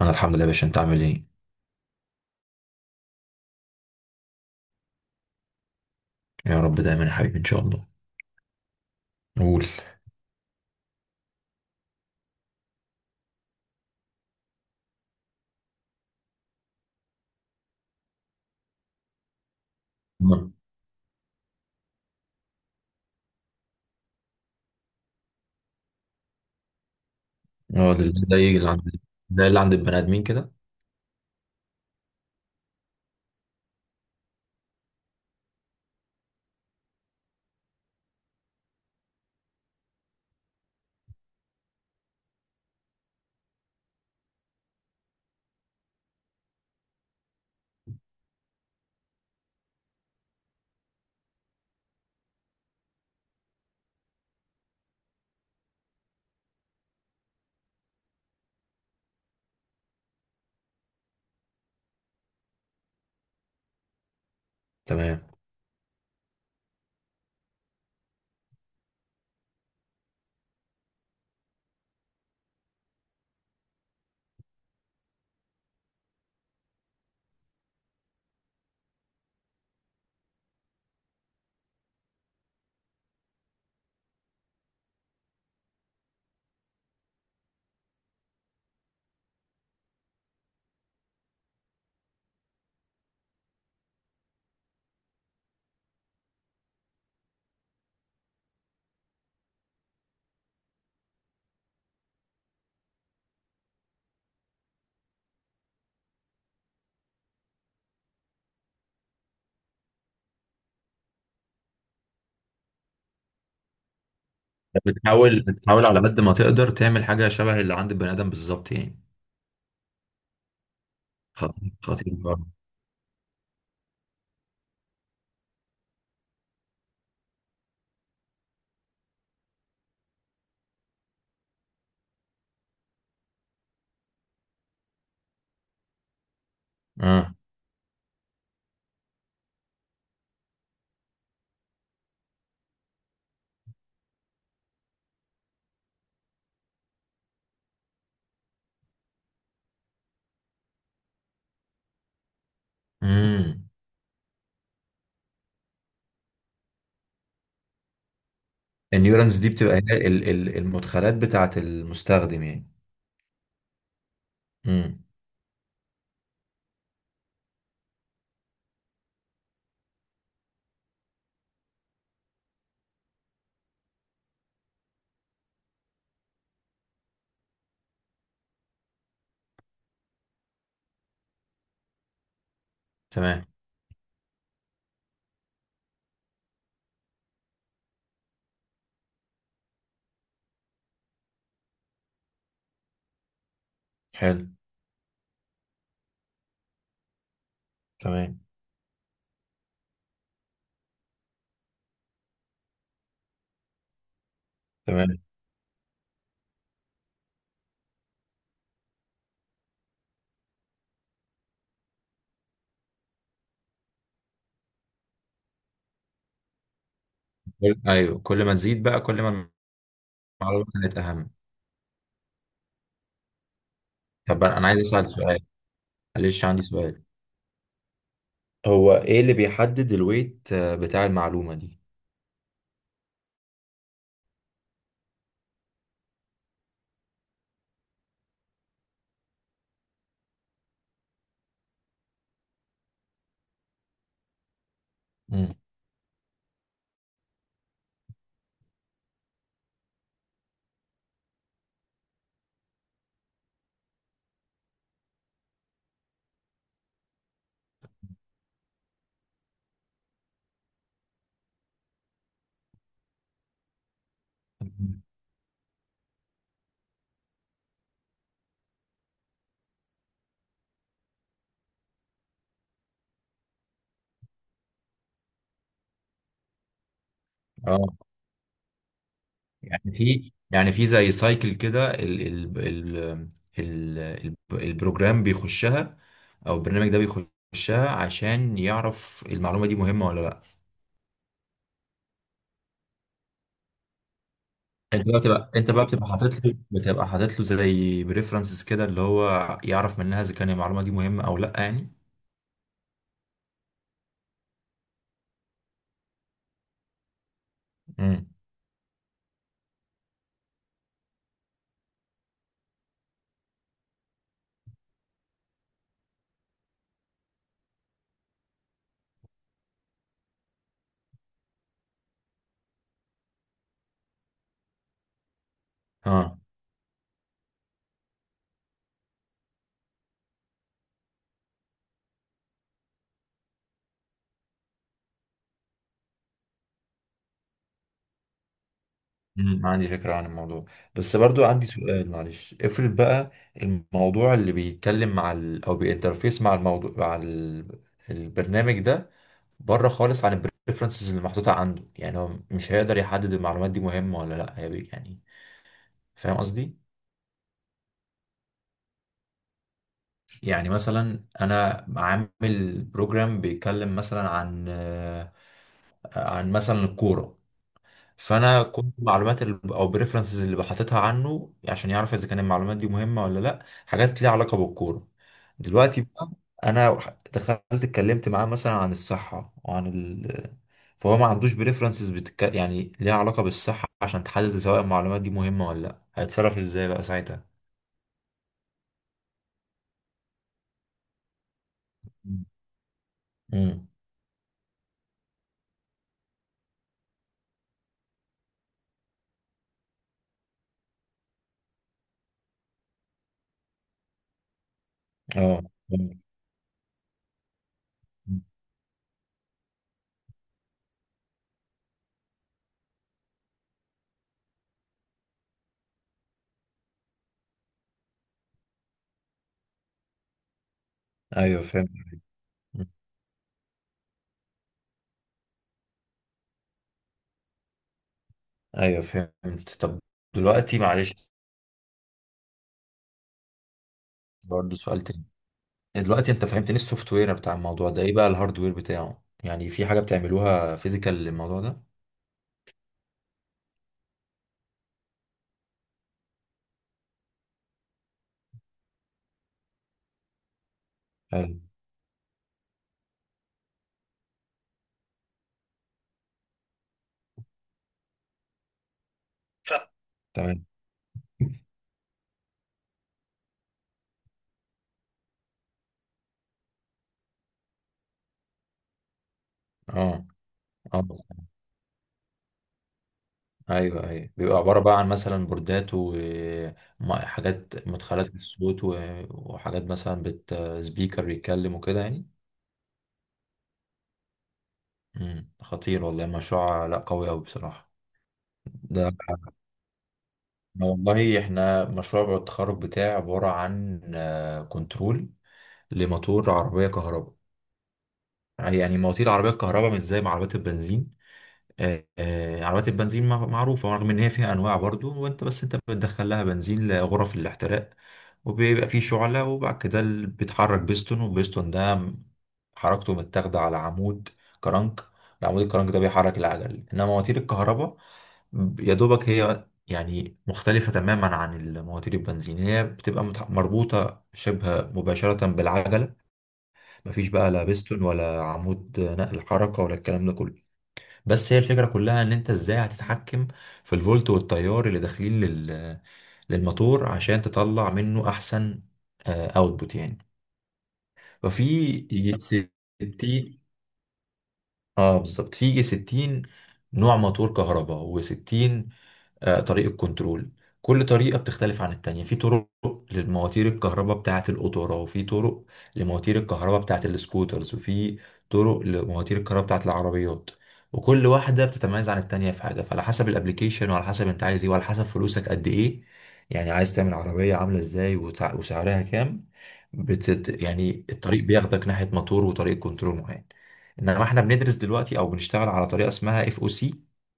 انا الحمد لله يا باشا، انت عامل ايه؟ يا رب دايما يا حبيبي، ان شاء الله. قول. نعم. اه، ده زي اللي عند البني ادمين كده. تمام. بتحاول على قد ما تقدر تعمل حاجه شبه اللي عند البني ادم بالظبط يعني. خطير خطير برضه. اه. امم النيورانز دي بتبقى هي المدخلات بتاعه المستخدم يعني. امم. تمام. حلو. تمام. تمام. ايوه، كل ما تزيد بقى، كل ما المعلومه كانت اهم. طب، أنا عايز اسال سؤال. معلش، عندي سؤال. هو ايه اللي بيحدد الويت بتاع المعلومة دي؟ مم. اه، يعني في زي سايكل كده، ال ال ال ال ال البروجرام بيخشها، او البرنامج ده بيخشها عشان يعرف المعلومه دي مهمه ولا لا. انت بقى بتبقى حاطط له زي بريفرنسز كده اللي هو يعرف منها اذا كان المعلومه دي مهمه او لا يعني. امم. اه. عندي فكرة عن الموضوع، بس برضو عندي سؤال. معلش، افرض بقى الموضوع اللي بيتكلم مع او بينترفيس مع الموضوع مع البرنامج ده، بره خالص عن البريفرنسز اللي محطوطة عنده. يعني هو مش هيقدر يحدد المعلومات دي مهمة ولا لا، هي يعني. فاهم قصدي؟ يعني مثلا، انا عامل بروجرام بيتكلم مثلا عن عن مثلا الكورة. فانا كنت معلومات او بريفرنسز اللي بحطتها عنه عشان يعرف اذا كان المعلومات دي مهمه ولا لا حاجات ليها علاقه بالكوره. دلوقتي بقى، انا دخلت اتكلمت معاه مثلا عن الصحه وعن فهو ما عندوش بريفرنسز يعني ليها علاقه بالصحه عشان تحدد سواء المعلومات دي مهمه ولا لا. هيتصرف ازاي بقى ساعتها؟ امم. اه. مم. ايوه فهمت. ايوه فهمت. طب دلوقتي، معلش، برضه سؤال تاني. دلوقتي انت فهمتني السوفت وير بتاع الموضوع ده، ايه بقى الهاردوير بتاعه؟ يعني في حاجه بتعملوها فيزيكال للموضوع ده؟ حلو. ف... تمام. اه. اه. ايوه، ايوه، بيبقى عباره بقى عن مثلا بوردات وحاجات مدخلات للصوت، وحاجات مثلا سبيكر يتكلم وكده يعني. امم. خطير والله مشروع، لا، قوي قوي بصراحه. ده والله احنا مشروع التخرج بتاعي عباره عن كنترول لموتور عربيه كهرباء. يعني مواتير العربية الكهرباء مش زي ما عربيات البنزين. عربيات البنزين معروفة رغم إن هي فيها أنواع برضو. وأنت، بس أنت بتدخل لها بنزين لغرف الاحتراق، وبيبقى فيه شعلة، وبعد كده بيتحرك بيستون، والبيستون ده حركته متاخدة على عمود كرنك. العمود الكرنك ده بيحرك العجل. إنما مواتير الكهرباء، يا دوبك هي يعني مختلفة تماما عن المواتير البنزين. هي بتبقى مربوطة شبه مباشرة بالعجلة. مفيش بقى لا بيستون ولا عمود نقل حركة ولا الكلام ده كله. بس هي الفكرة كلها ان انت ازاي هتتحكم في الفولت والتيار اللي داخلين للموتور عشان تطلع منه احسن اوتبوت يعني. ففي 60، اه بالظبط، في 60 نوع موتور كهرباء، و60 طريقة كنترول. كل طريقة بتختلف عن التانية. في طرق للمواتير الكهرباء بتاعة القطورة، وفي طرق لمواتير الكهرباء بتاعة السكوترز، وفي طرق لمواتير الكهرباء بتاعة العربيات. وكل واحدة بتتميز عن التانية في حاجة، فعلى حسب الابليكيشن وعلى حسب انت عايز ايه وعلى حسب فلوسك قد ايه. يعني عايز تعمل عربية عاملة ازاي، وسعرها كام؟ يعني الطريق بياخدك ناحية موتور وطريق كنترول معين. انما احنا بندرس دلوقتي او بنشتغل على طريقه اسمها FOC،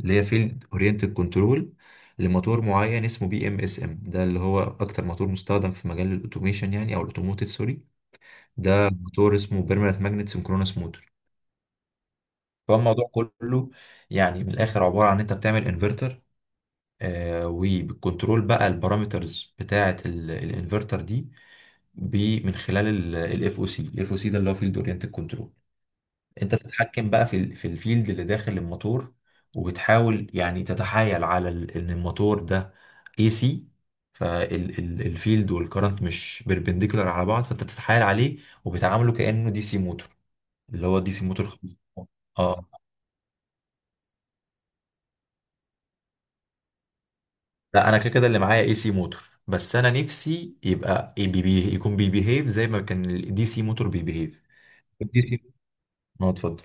اللي هي فيلد اورينتد كنترول، لموتور معين اسمه PMSM. ده اللي هو اكتر موتور مستخدم في مجال الاوتوميشن يعني، او الاوتوموتيف، سوري. ده موتور اسمه بيرمننت ماجنت سنكرونس موتور. فالموضوع كله يعني من الاخر عباره عن انت بتعمل انفرتر، وبالكنترول بقى البارامترز بتاعه الانفرتر دي، من خلال الاف او سي. الاف او سي ده اللي هو فيلد اورينتد كنترول. انت بتتحكم بقى في الفيلد اللي داخل الموتور، وبتحاول يعني تتحايل ان الموتور ده اي سي، فالفيلد والكرنت مش بيربنديكولار على بعض، فانت بتتحايل عليه وبتعامله كانه دي سي موتور، اللي هو دي سي موتور خالص. اه لا، انا كده كده اللي معايا اي سي موتور، بس انا نفسي يبقى بي يكون بيبيهيف زي ما كان الدي سي موتور بيبيهيف. الدي سي. اه، اتفضل.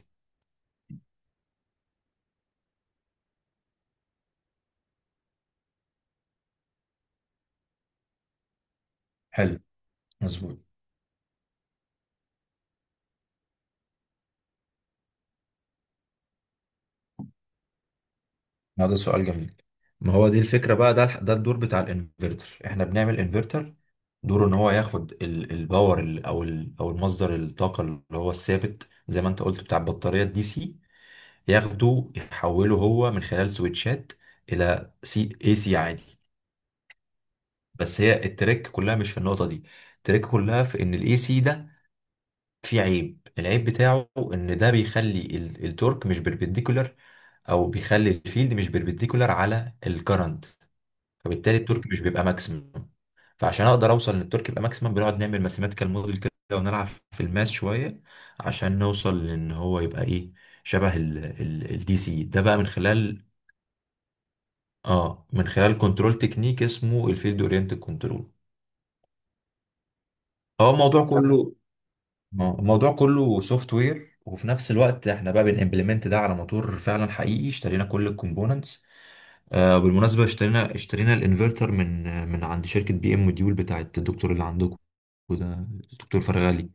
حلو. مظبوط. ما ده سؤال جميل. ما هو دي الفكرة بقى. ده الدور بتاع الانفرتر. احنا بنعمل انفرتر، دوره ان هو ياخد الباور او المصدر الطاقة، اللي هو الثابت زي ما انت قلت، بتاع البطارية الدي سي. ياخده يحوله هو من خلال سويتشات الى سي اي سي عادي. بس هي التريك كلها مش في النقطة دي. التريك كلها في ان الاي سي ده فيه العيب بتاعه ان ده بيخلي التورك مش بربنديكولار، او بيخلي الفيلد مش بربنديكولار على الكرنت. فبالتالي التورك مش بيبقى ماكسيمم. فعشان اقدر اوصل ان التورك يبقى ماكسيمم، بنقعد نعمل ماثيماتيكال موديل كده، ونلعب في الماس شويه عشان نوصل لان هو يبقى شبه الدي سي ده بقى، من خلال اه من خلال كنترول تكنيك اسمه الفيلد اورينتد كنترول. هو الموضوع كله آه، الموضوع كله سوفت وير، وفي نفس الوقت احنا بقى بنimplement ده على موتور فعلا حقيقي. اشترينا كل الكومبوننتس. بالمناسبة، اشترينا الانفرتر من عند شركة بي ام موديول بتاعت الدكتور اللي عندكم، وده الدكتور فرغالي.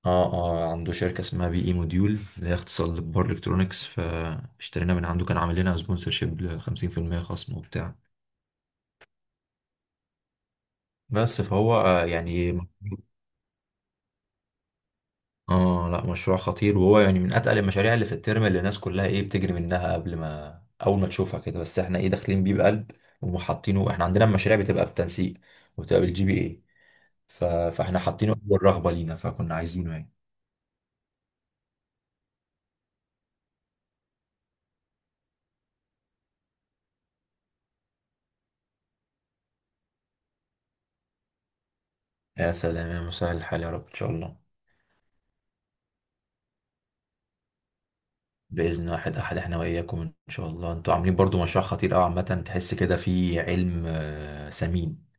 اه. اه. عنده شركة اسمها بي اي موديول، اللي هي اختصار لبار الكترونكس. فاشترينا من عنده. كان عامل لنا سبونسرشيب ل 50% خصم وبتاع. بس فهو يعني. اه لا، مشروع خطير. وهو يعني من اتقل المشاريع اللي في الترم، اللي الناس كلها بتجري منها قبل ما، اول ما تشوفها كده. بس احنا داخلين بيه بقلب، وحاطينه. احنا عندنا المشاريع بتبقى بالتنسيق، وبتبقى بالجي بي اي، فاحنا حاطينه اول رغبه لينا، فكنا عايزينه يعني. يا سلام يا مسهل الحال يا رب، ان شاء الله. باذن واحد احد احنا واياكم ان شاء الله. انتوا عاملين برضو مشروع خطير قوي عامه، تحس كده في علم ثمين.